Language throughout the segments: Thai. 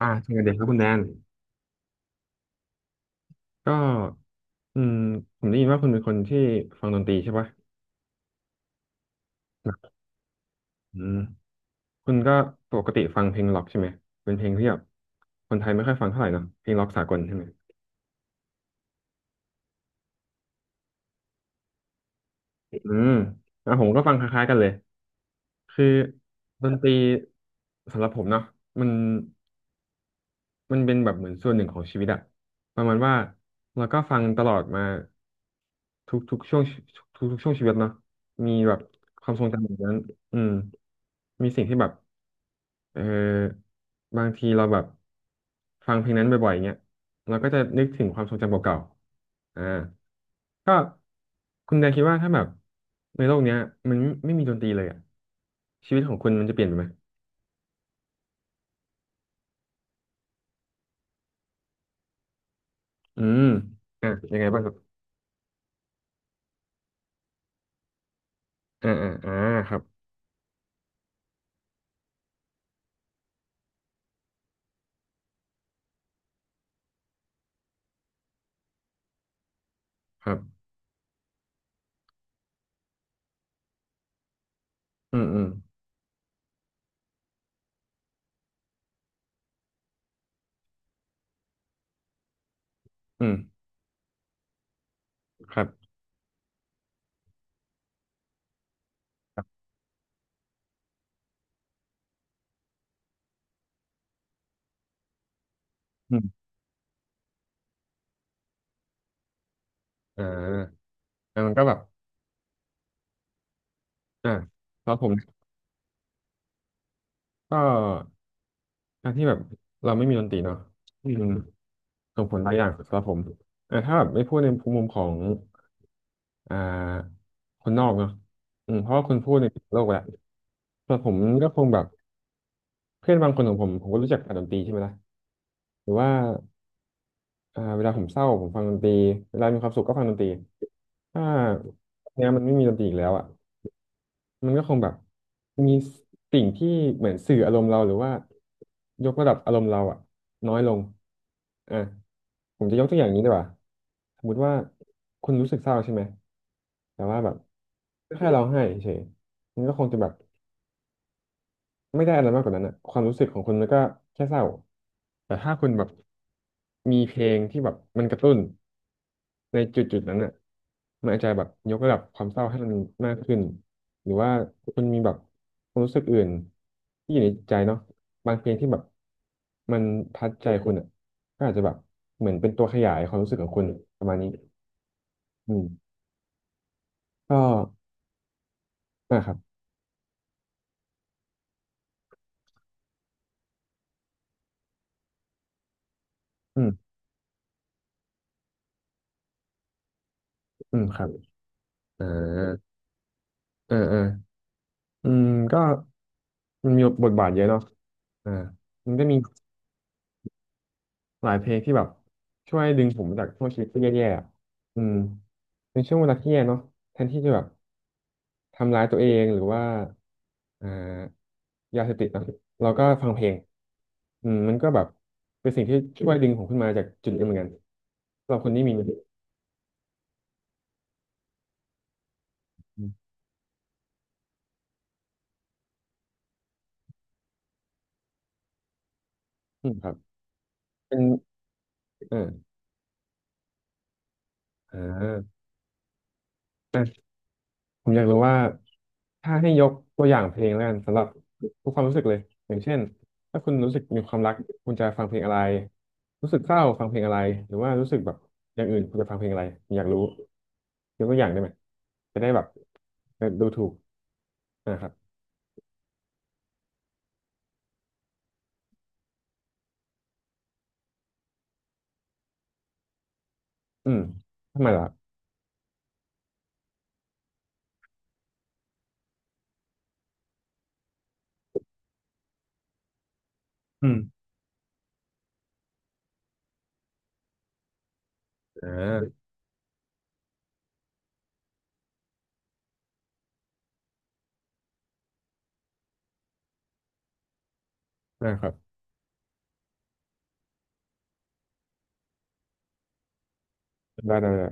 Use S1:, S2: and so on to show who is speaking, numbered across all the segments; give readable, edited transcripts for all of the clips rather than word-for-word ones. S1: อ่าสวัสดีครับคุณแดนก็อืมผมได้ยินว่าคุณเป็นคนที่ฟังดนตรีใช่ปะอืมคุณก็ปกติฟังเพลงล็อกใช่ไหมเป็นเพลงที่แบบคนไทยไม่ค่อยฟังเท่าไหร่เนอะเพลงล็อกสากลใช่ไหมอืมอ่ะผมก็ฟังคล้ายๆกันเลยคือดนตรีสำหรับผมเนาะมันมันเป็นแบบเหมือนส่วนหนึ่งของชีวิตอะประมาณว่าเราก็ฟังตลอดมาทุกช่วงทุกช่วงชีวิตเนาะมีแบบความทรงจำแบบนั้นอืมมีสิ่งที่แบบ เออบางทีเราแบบฟังเพลงนั้นบ่อยๆเงี้ยเราก็จะนึกถึงความทรงจำเก่าๆอ่าก็คุณแดนคิดว่าถ้าแบบในโลกเนี้ยมันไม่มีดนตรีเลยอ่ะชีวิตของคุณมันจะเปลี่ยนไปไหมอืมอ่ะยังไงบ้างครับอ่าอ่าอ่าครับครับอืมอืมอืมครับอืมอ่าแล้วมันก็แบบอ่าแล้วผมก็การที่แบบเราไม่มีดนตรีเนาะอืม ส่งผลหลายอย่างสำหรับผมแต่ถ้าแบบไม่พูดในมุมของอ่าคนนอกเนาะอืมเพราะว่าคุณพูดในโลกแหละแต่ผมก็คงแบบเพื่อนบางคนของผมผมก็รู้จักกับดนตรีใช่ไหมล่ะหรือว่าอ่าเวลาผมเศร้าผมฟังดนตรีเวลามีความสุขก็ฟังดนตรีถ้าเนี้ยมันไม่มีดนตรีอีกแล้วอ่ะ มันก็คงแบบมีสิ่งที่เหมือนสื่ออารมณ์เราหรือว่ายกระดับอารมณ์เราอะน้อยลงอ่ะผมจะยกตัวอย่างนี้ดีกว่าสมมุติว่าคุณรู้สึกเศร้าใช่ไหมแต่ว่าแบบแค่เราให้เฉยมันก็คงจะแบบ ไม่ได้อะไรมากกว่านั้นอะความรู้สึกของคุณมันก็แค่เศร้าแต่ถ้าคุณแบบมีเพลงที่แบบมันกระตุ้นในจุดนั้นอะมันอาจจะแบบยกระดับความเศร้าให้มันมากขึ้นหรือว่าคุณมีแบบความรู้สึกอื่นที่อยู่ในใจเนาะบางเพลงที่แบบมันทัดใจคุณอะก็อาจจะแบบเหมือนเป็นตัวขยายความรู้สึกของคุณประมาณนี้อืมก็นะครับอืมอืมครับอ่าเออเอออืมก็ มันมีบทบาทเยอะเนาะอ่ามันก็มีหลายเพลงที่แบบช่วยดึงผมจากช่วงชีวิตที่แย่ๆอะอืมเป็นช่วงเวลาที่แย่เนาะแทนที่จะแบบทำร้ายตัวเองหรือว่าอ่ายาเสพติดเนอะเราก็ฟังเพลงอืมมันก็แบบเป็นสิ่งที่ช่วยดึงผมขึ้นมาจากจุดนี้เหมือนกันสำหรับคนที่มีอืมครับเป็นเอออ่า ผมอยากรู้ว่าถ้าให้ยกตัวอย่างเพลงแล้วกันสำหรับทุกความรู้สึกเลยอย่างเช่นถ้าคุณรู้สึกมีความรักคุณจะฟังเพลงอะไรรู้สึกเศร้าฟังเพลงอะไรหรือว่ารู้สึกแบบอย่างอื่นคุณจะฟังเพลงอะไรผมอยากรู้ยกตัวอย่างได้ไหมจะได้แบบเดูถูกนะครับอืมทำไมล่ะอืมอ่านะครับได้ได้ได้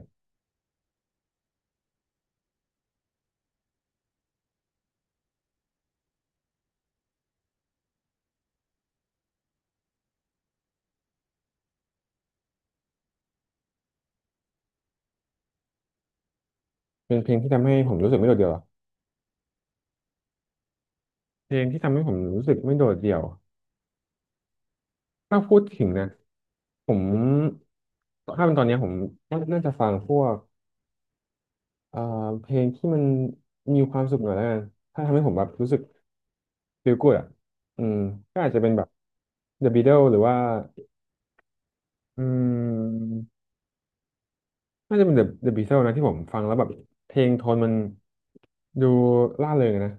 S1: เป็นเพลงที่ทำให้ผมรู้สึกไม่โดดเดี่ยวเหรอเพลงที่ทำให้ผมรู้สึกไม่โดดเดี่ยวถ้าพูดถึงนะผมถ้าเป็นตอนเนี้ยผมน่าจะฟังพวก เอ่อเพลงที่มันมีความสุขหน่อยแล้วกันถ้าทำให้ผมแบบรู้สึก feel good อ่ะอืมก็อาจจะเป็นแบบ The Beatles หรือว่าอืมน่าจะเป็น The Beatles นะที่ผมฟังแล้วแบบเพลงโทนมันดูร่าเริงอะนะ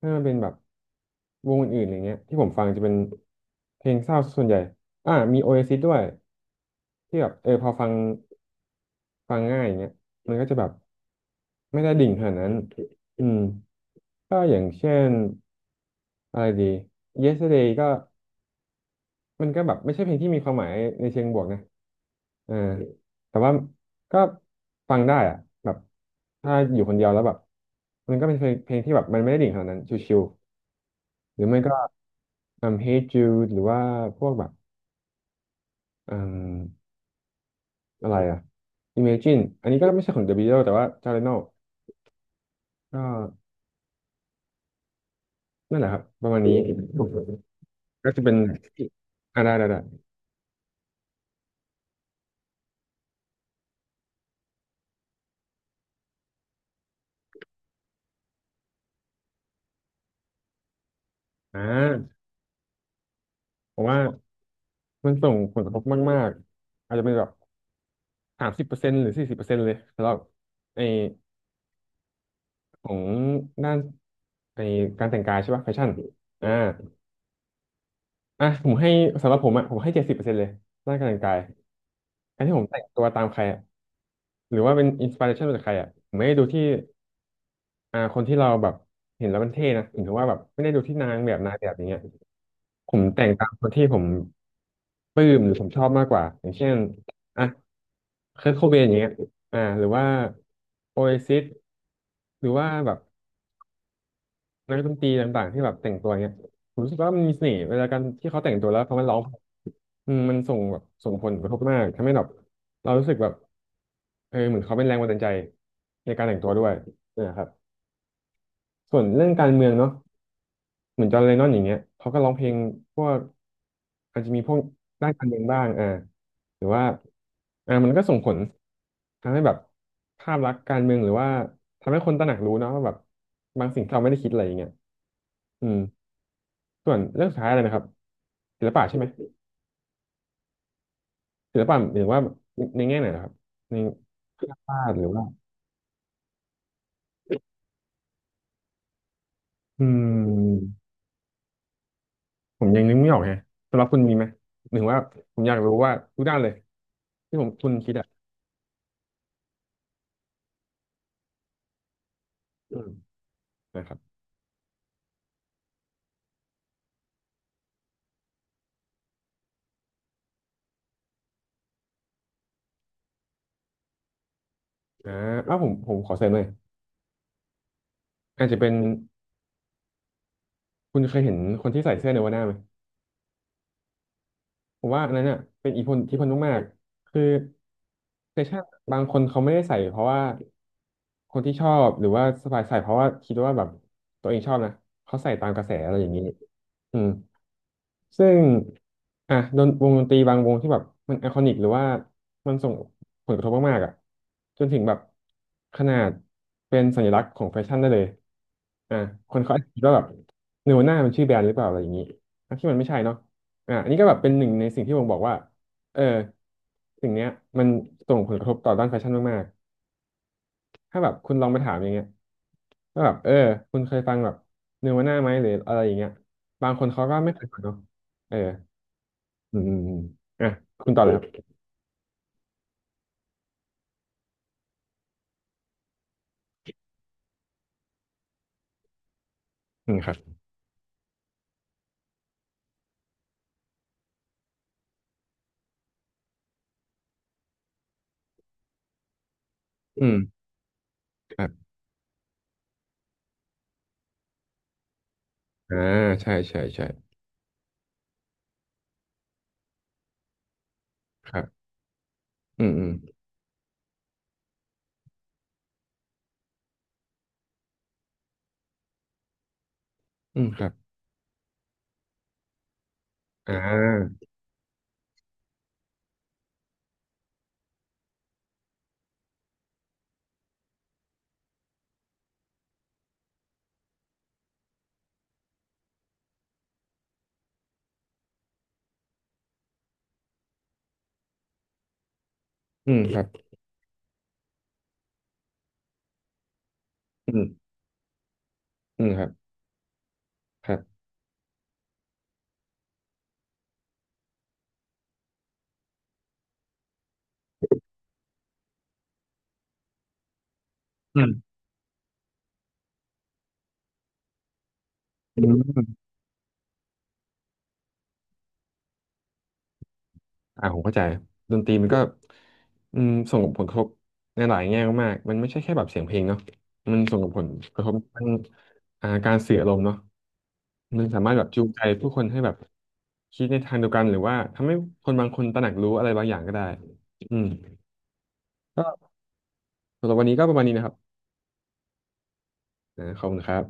S1: ถ้ามันเป็นแบบวงอื่นๆอย่างเงี้ยที่ผมฟังจะเป็นเพลงเศร้าส่วนใหญ่อ่ามี Oasis ด้วยที่แบบเออพอฟัง ฟังง่ายอย่างเงี้ยมันก็จะแบบไม่ได้ดิ่งขนาดนั้นอืมก็อย่างเช่นอะไรดี Yesterday ก็มันก็แบบไม่ใช่เพลงที่มีความหมายในเชิงบวกนะอ่าแต่ว่าก็ฟังได้อะแบบถ้าอยู่คนเดียวแล้วแบบมันก็เป็นเพลงที่แบบมันไม่ได้ดิ่งขนาดนั้นชิวๆหรือไม่ก็ Hey Jude หรือว่าพวกแบบอืมอะไรอะ Imagine อันนี้ก็ไม่ใช่ของ The Beatles แต่ว่า j a r e n o ก็ นั่นแหละครับประมาณนี้ก็จะเป็นได้ได้ได้อ่าผมว่ามันส่งผลกระทบมากๆอาจจะเป็นแบบ30%หรือ40%เลยสำหรับไอของด้านไอการแต่งกายใช่ป่ะแฟชั่นอ่าอ่ะผมให้สำหรับผมอ่ะผมให้70%เลยด้านการแต่งกายการที่ผมแต่งตัวตามใครอ่ะหรือว่าเป็นอินสปิเรชันมาจากใครอ่ะผมไม่ได้ดูที่คนที่เราแบบเห็นแล้วมันเท่นะหรือว่าแบบไม่ได้ดูที่นางแบบนายแบบอย่างเงี้ย ผมแต่งตามคนที่ผมปลื้มหรือผมชอบมากกว่าอย่างเช่นอ่ะเคิร์ทโคเบนอย่างเงี้ยหรือว่าโอเอซิสหรือว่าแบบนักดนตรีต่างๆที่แบบแต่งตัวเงี้ยผมรู้สึกว่ามันมีเสน่ห์เวลาการที่เขาแต่งตัวแล้วเขามาร้องมันส่งแบบส่งผลกระทบมากทำให้แบบเรารู้สึกแบบเออเหมือนเขาเป็นแรงบันดาลใจในการแต่งตัวด้วยนะครับส่วนเรื่องการเมืองเนาะ เหมือนจอห์นเลนนอนอย่างเงี้ยเขาก็ร้องเพลงพวกอาจจะมีพวกด้านการเมืองบ้างอ่าหรือว่ามันก็ส่งผลทำให้แบบภาพลักษณ์การเมืองหรือว่าทำให้คนตระหนักรู้เนอะว่าแบบบางสิ่งที่เราไม่ได้คิดอะไรอย่างเงี้ยอืมส่วนเรื่องสุดท้ายเลยนะครับศิลปะใช่ไหมศิลปะหมายถึงว่าในแง่ไหนนะครับในเครื่องวาดหรือว่าอืมผมยังนึกไม่ออกฮะสำหรับคุณมีไหมหมายถึงว่าผมอยากรู้ว่าทุกด้านเลยที่ผมคุณคิดอ่ะอืมนะครับ อ่าอ้าวผมขอเสริมหน่อยอาจจะเป็นคุณเคยเห็นคนที่ใส่เสื้อเนวาน่าไหม ผมว่าอันนั้นเนี่ยเป็นอิทธิพลมากๆคือช่างบางคนเขาไม่ได้ใส่เพราะว่าคนที่ชอบหรือว่าสบายใส่เพราะว่าคิดว่าแบบตัวเองชอบนะเขาใส่ตามกระแสอะไรอย่างนี้อืมซึ่งอ่ะวงดนตรีบางวงที่แบบมันไอคอนิกหรือว่ามันส่งผลกระทบมากๆอ่ะจนถึงแบบขนาดเป็นสัญลักษณ์ของแฟชั่นได้เลยอ่ะคนเขาอาจจะคิดว่าแบบเนวน่ามันชื่อแบรนด์หรือเปล่าอะไรอย่างนี้ทั้งที่มันไม่ใช่เนาะ อ่ะอันนี้ก็แบบเป็นหนึ่งในสิ่งที่ผมบอกว่าเออสิ่งเนี้ยมันส่งผลกระทบต่อด้านแฟชั่นมากๆถ้าแบบคุณลองไปถามอย่างเงี้ยว่าแบบคุณเคยฟังแบบเนวาน่าไหมหรืออะไรอย่างเงี้ยบางคนเขาก็ไม่เคยฟังเนาะเอออืมอืมอมอ่ะคุณต่อเลยครับอืมครับอืมครับอ่าใช่ใช่ใช่ครับอืมอืมอืมครับอ่าอืมครับอืมอืมครับครับอืมอืม ผมเข้าใจดนตรีมันก็ส่งผลกระทบในหลายแง่มากๆมันไม่ใช่แค่แบบเสียงเพลงเนาะมันส่งผลกระทบทางการสื่ออารมณ์เนาะมันสามารถแบบจูงใจผู้คนให้แบบคิดในทางเดียวกันหรือว่าทำให้คนบางคนตระหนักรู้อะไรบางอย่างก็ได้อืมก็สำหรับวันนี้ก็ประมาณนี้นะครับนะขอบคุณครับ